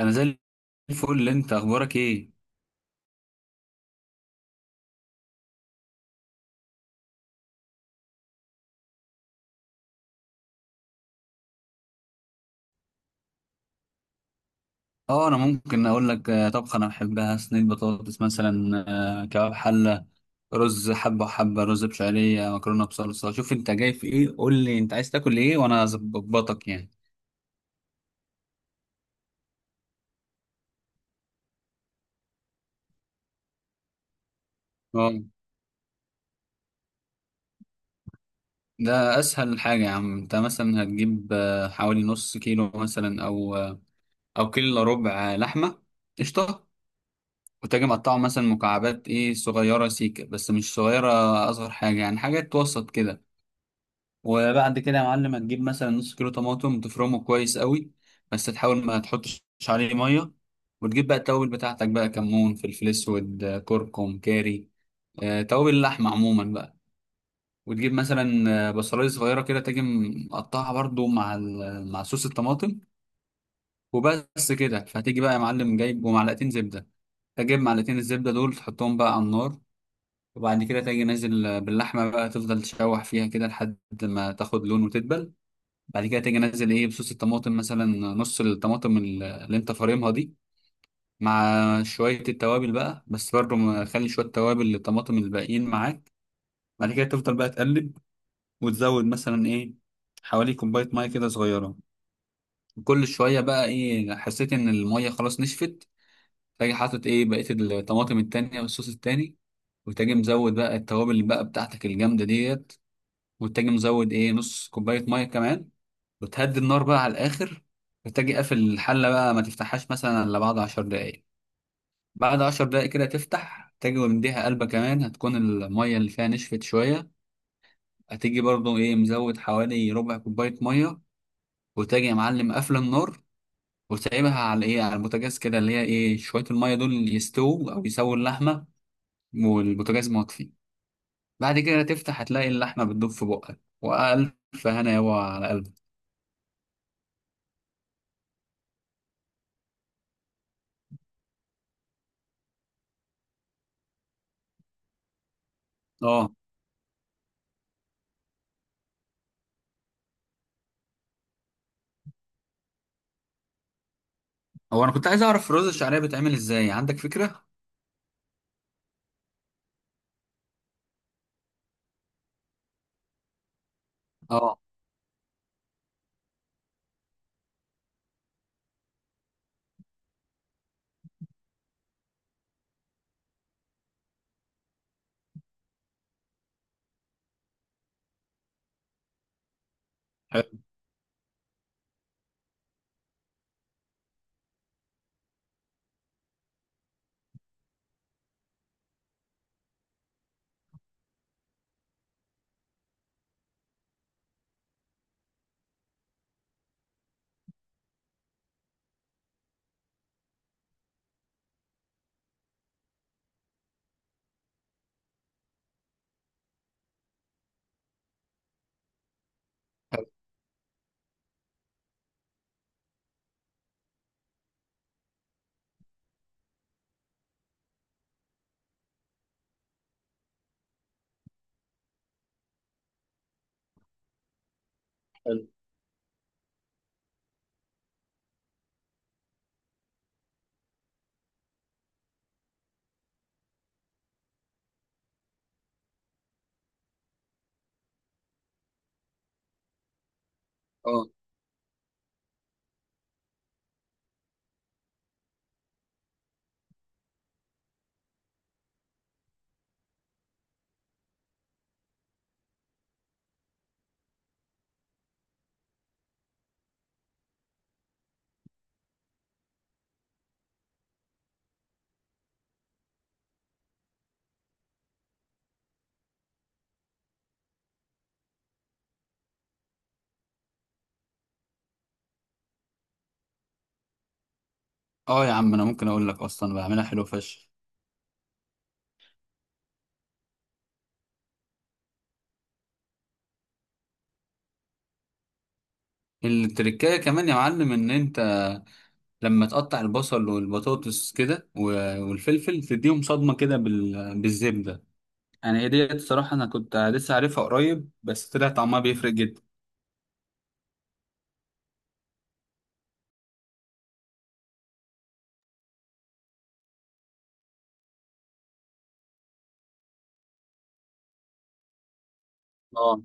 انا زي الفل. انت اخبارك ايه؟ اه، انا ممكن اقول لك طبخه انا بحبها صينيه بطاطس مثلا. كباب حله، رز حبه وحبه، رز بشعريه، مكرونه بصلصه. شوف انت جاي في ايه، قول لي انت عايز تاكل ايه وانا اظبطك يعني. اه، ده اسهل حاجه يا عم. انت مثلا هتجيب حوالي نص كيلو مثلا او كيلو إلا ربع لحمه قشطه، وتجي مقطعه مثلا مكعبات ايه صغيره سيكه، بس مش صغيره، اصغر حاجه يعني، حاجات وسط كده. وبعد كده يا معلم هتجيب مثلا نص كيلو طماطم تفرمه كويس قوي، بس تحاول ما تحطش عليه ميه. وتجيب بقى التوابل بتاعتك بقى، كمون، فلفل اسود، كركم، كاري، توابل اللحمه عموما بقى. وتجيب مثلا بصلايه صغيره كده تيجي مقطعها برضو مع صوص الطماطم، وبس كده. فهتيجي بقى يا معلم جايب ومعلقتين زبده، تجيب معلقتين الزبده دول تحطهم بقى على النار. وبعد كده تيجي نازل باللحمه بقى، تفضل تشوح فيها كده لحد ما تاخد لون وتدبل. بعد كده تيجي نازل ايه بصوص الطماطم، مثلا نص الطماطم اللي انت فارمها دي، مع شوية التوابل بقى، بس برضه خلي شوية توابل للطماطم الباقيين معاك. بعد كده تفضل بقى تقلب، وتزود مثلا ايه حوالي كوباية مية كده صغيرة. كل شوية بقى ايه حسيت ان المية خلاص نشفت، تاجي حاطط ايه بقية الطماطم التانية والصوص التاني، وتاجي مزود بقى التوابل بقى بتاعتك الجامدة ديت، وتاجي مزود ايه نص كوباية مية كمان. بتهدي النار بقى على الآخر، بتجي قافل الحلة بقى، ما تفتحهاش مثلا إلا بعد عشر دقايق. بعد عشر دقايق كده تفتح، تجي ومديها قلبة كمان، هتكون المية اللي فيها نشفت شوية، هتيجي برضو إيه مزود حوالي ربع كوباية مية. وتجي يا معلم قافل النار وسايبها على إيه، على البوتاجاز كده، اللي هي إيه شوية المية دول يستووا أو يسووا اللحمة والبوتاجاز مطفي. بعد كده تفتح هتلاقي اللحمة بتدوب في بقك، وألف هنا يابا على قلبك. آه هو أنا كنت عايز أعرف الرز الشعرية بتعمل إزاي، عندك فكرة؟ اه. حلو، حلو، حلو. اه. اه يا عم، انا ممكن اقول لك اصلا بعملها حلو فشخ. التركايه كمان يا معلم ان انت لما تقطع البصل والبطاطس كده والفلفل تديهم صدمه كده بالزبده. يعني هي ديت الصراحه، انا كنت لسه عارفها قريب بس طلع طعمها بيفرق جدا. اه،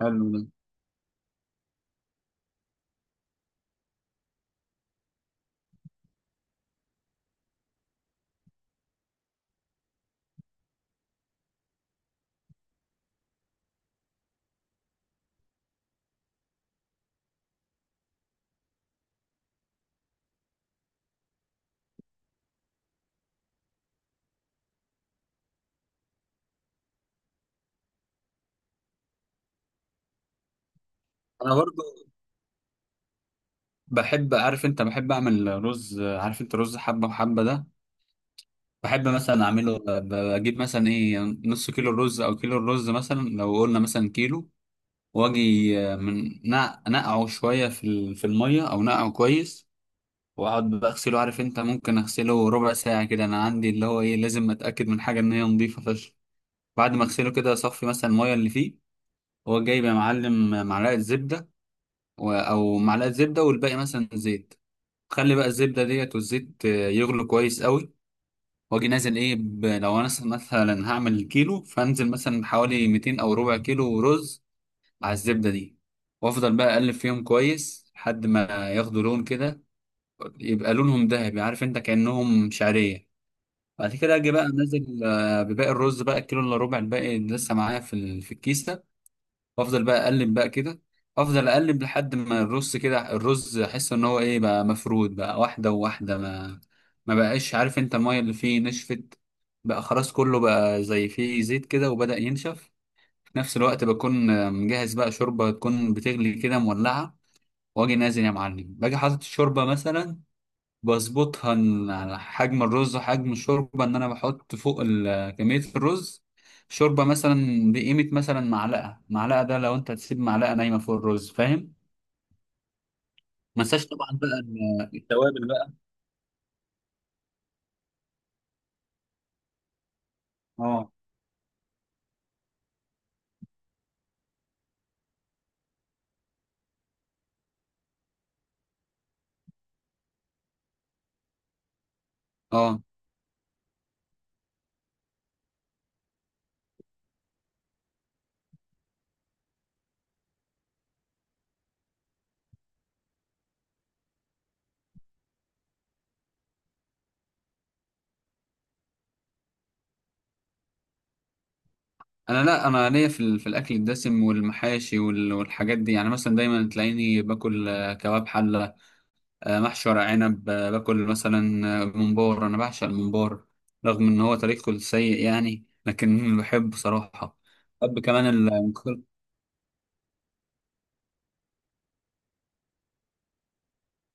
حلو ده. انا برضو بحب، عارف انت، بحب اعمل رز، عارف انت رز حبه وحبه ده، بحب مثلا اعمله بجيب مثلا ايه نص كيلو الرز او كيلو الرز، مثلا لو قلنا مثلا كيلو، واجي من نقعه شويه في في الميه، او نقعه كويس. واقعد بقى اغسله، عارف انت، ممكن اغسله ربع ساعه كده، انا عندي اللي هو ايه لازم اتاكد من حاجه ان هي نظيفه فشخ. بعد ما اغسله كده اصفي مثلا الميه اللي فيه، هو جايب يا معلم معلقه زبده، او معلقه زبده والباقي مثلا زيت. خلي بقى الزبده ديت والزيت يغلوا كويس قوي، واجي نازل ايه لو انا مثلا هعمل كيلو فانزل مثلا بحوالي 200 او ربع كيلو رز على الزبدة دي. وافضل بقى اقلب فيهم كويس لحد ما ياخدوا لون كده، يبقى لونهم ذهبي عارف انت كأنهم شعرية. بعد كده اجي بقى انزل بباقي الرز بقى، الكيلو الا ربع الباقي اللي لسه معايا في في الكيس ده، وافضل بقى اقلب بقى كده. افضل اقلب لحد ما الرز كده، الرز احس ان هو ايه بقى مفرود بقى واحدة وواحدة، ما بقاش، عارف انت المية اللي فيه نشفت، بقى خلاص كله بقى زي فيه زيت كده وبدأ ينشف. نفس الوقت بكون مجهز بقى شوربة تكون بتغلي كده مولعة، واجي نازل يا معلم باجي حاطط الشوربة مثلا، بظبطها على حجم الرز وحجم الشوربة، ان انا بحط فوق كمية الرز شوربة، مثلا بقيمة مثلا معلقة، معلقة ده لو انت هتسيب معلقة نايمة فوق الرز فاهم. ما انساش طبعا بقى التوابل بقى. اه. اه. انا لا، انا ليا في في الاكل الدسم والمحاشي والحاجات دي يعني، مثلا دايما تلاقيني باكل كباب حلة، محشي ورق عنب، باكل مثلا ممبار، انا بعشق الممبار رغم ان هو تاريخه السيء يعني، لكن بحبه صراحة. بحب كمان الملوخية.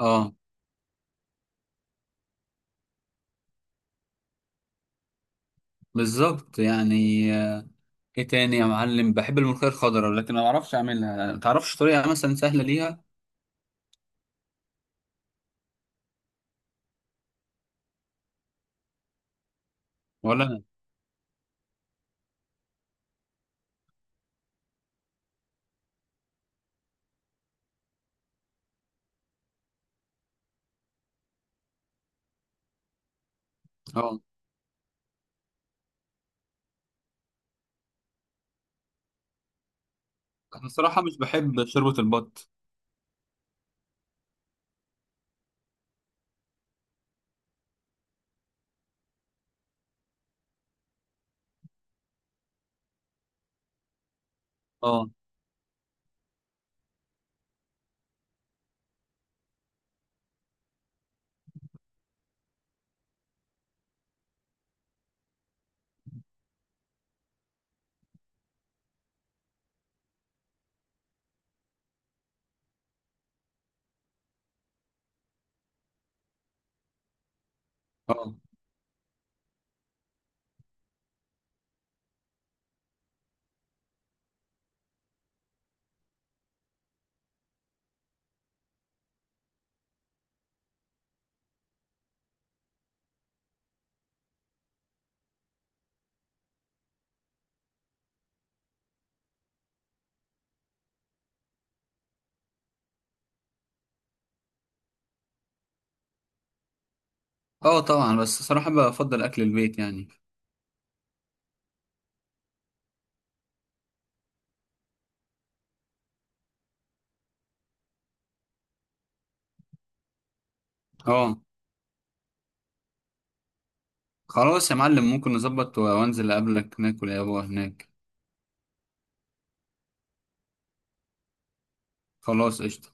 اه، بالظبط يعني. آه، ايه تاني يا معلم، بحب الملوخية الخضراء لكن ما بعرفش اعملها، ما تعرفش طريقة مثلا سهلة ليها؟ ولا انا. اه. انا الصراحة مش بحب شوربة البط. اه. اه. اه، طبعا، بس صراحة بفضل اكل البيت يعني. اه، خلاص يا معلم، ممكن نظبط وانزل اقابلك ناكل يا ابو هناك. خلاص، قشطة.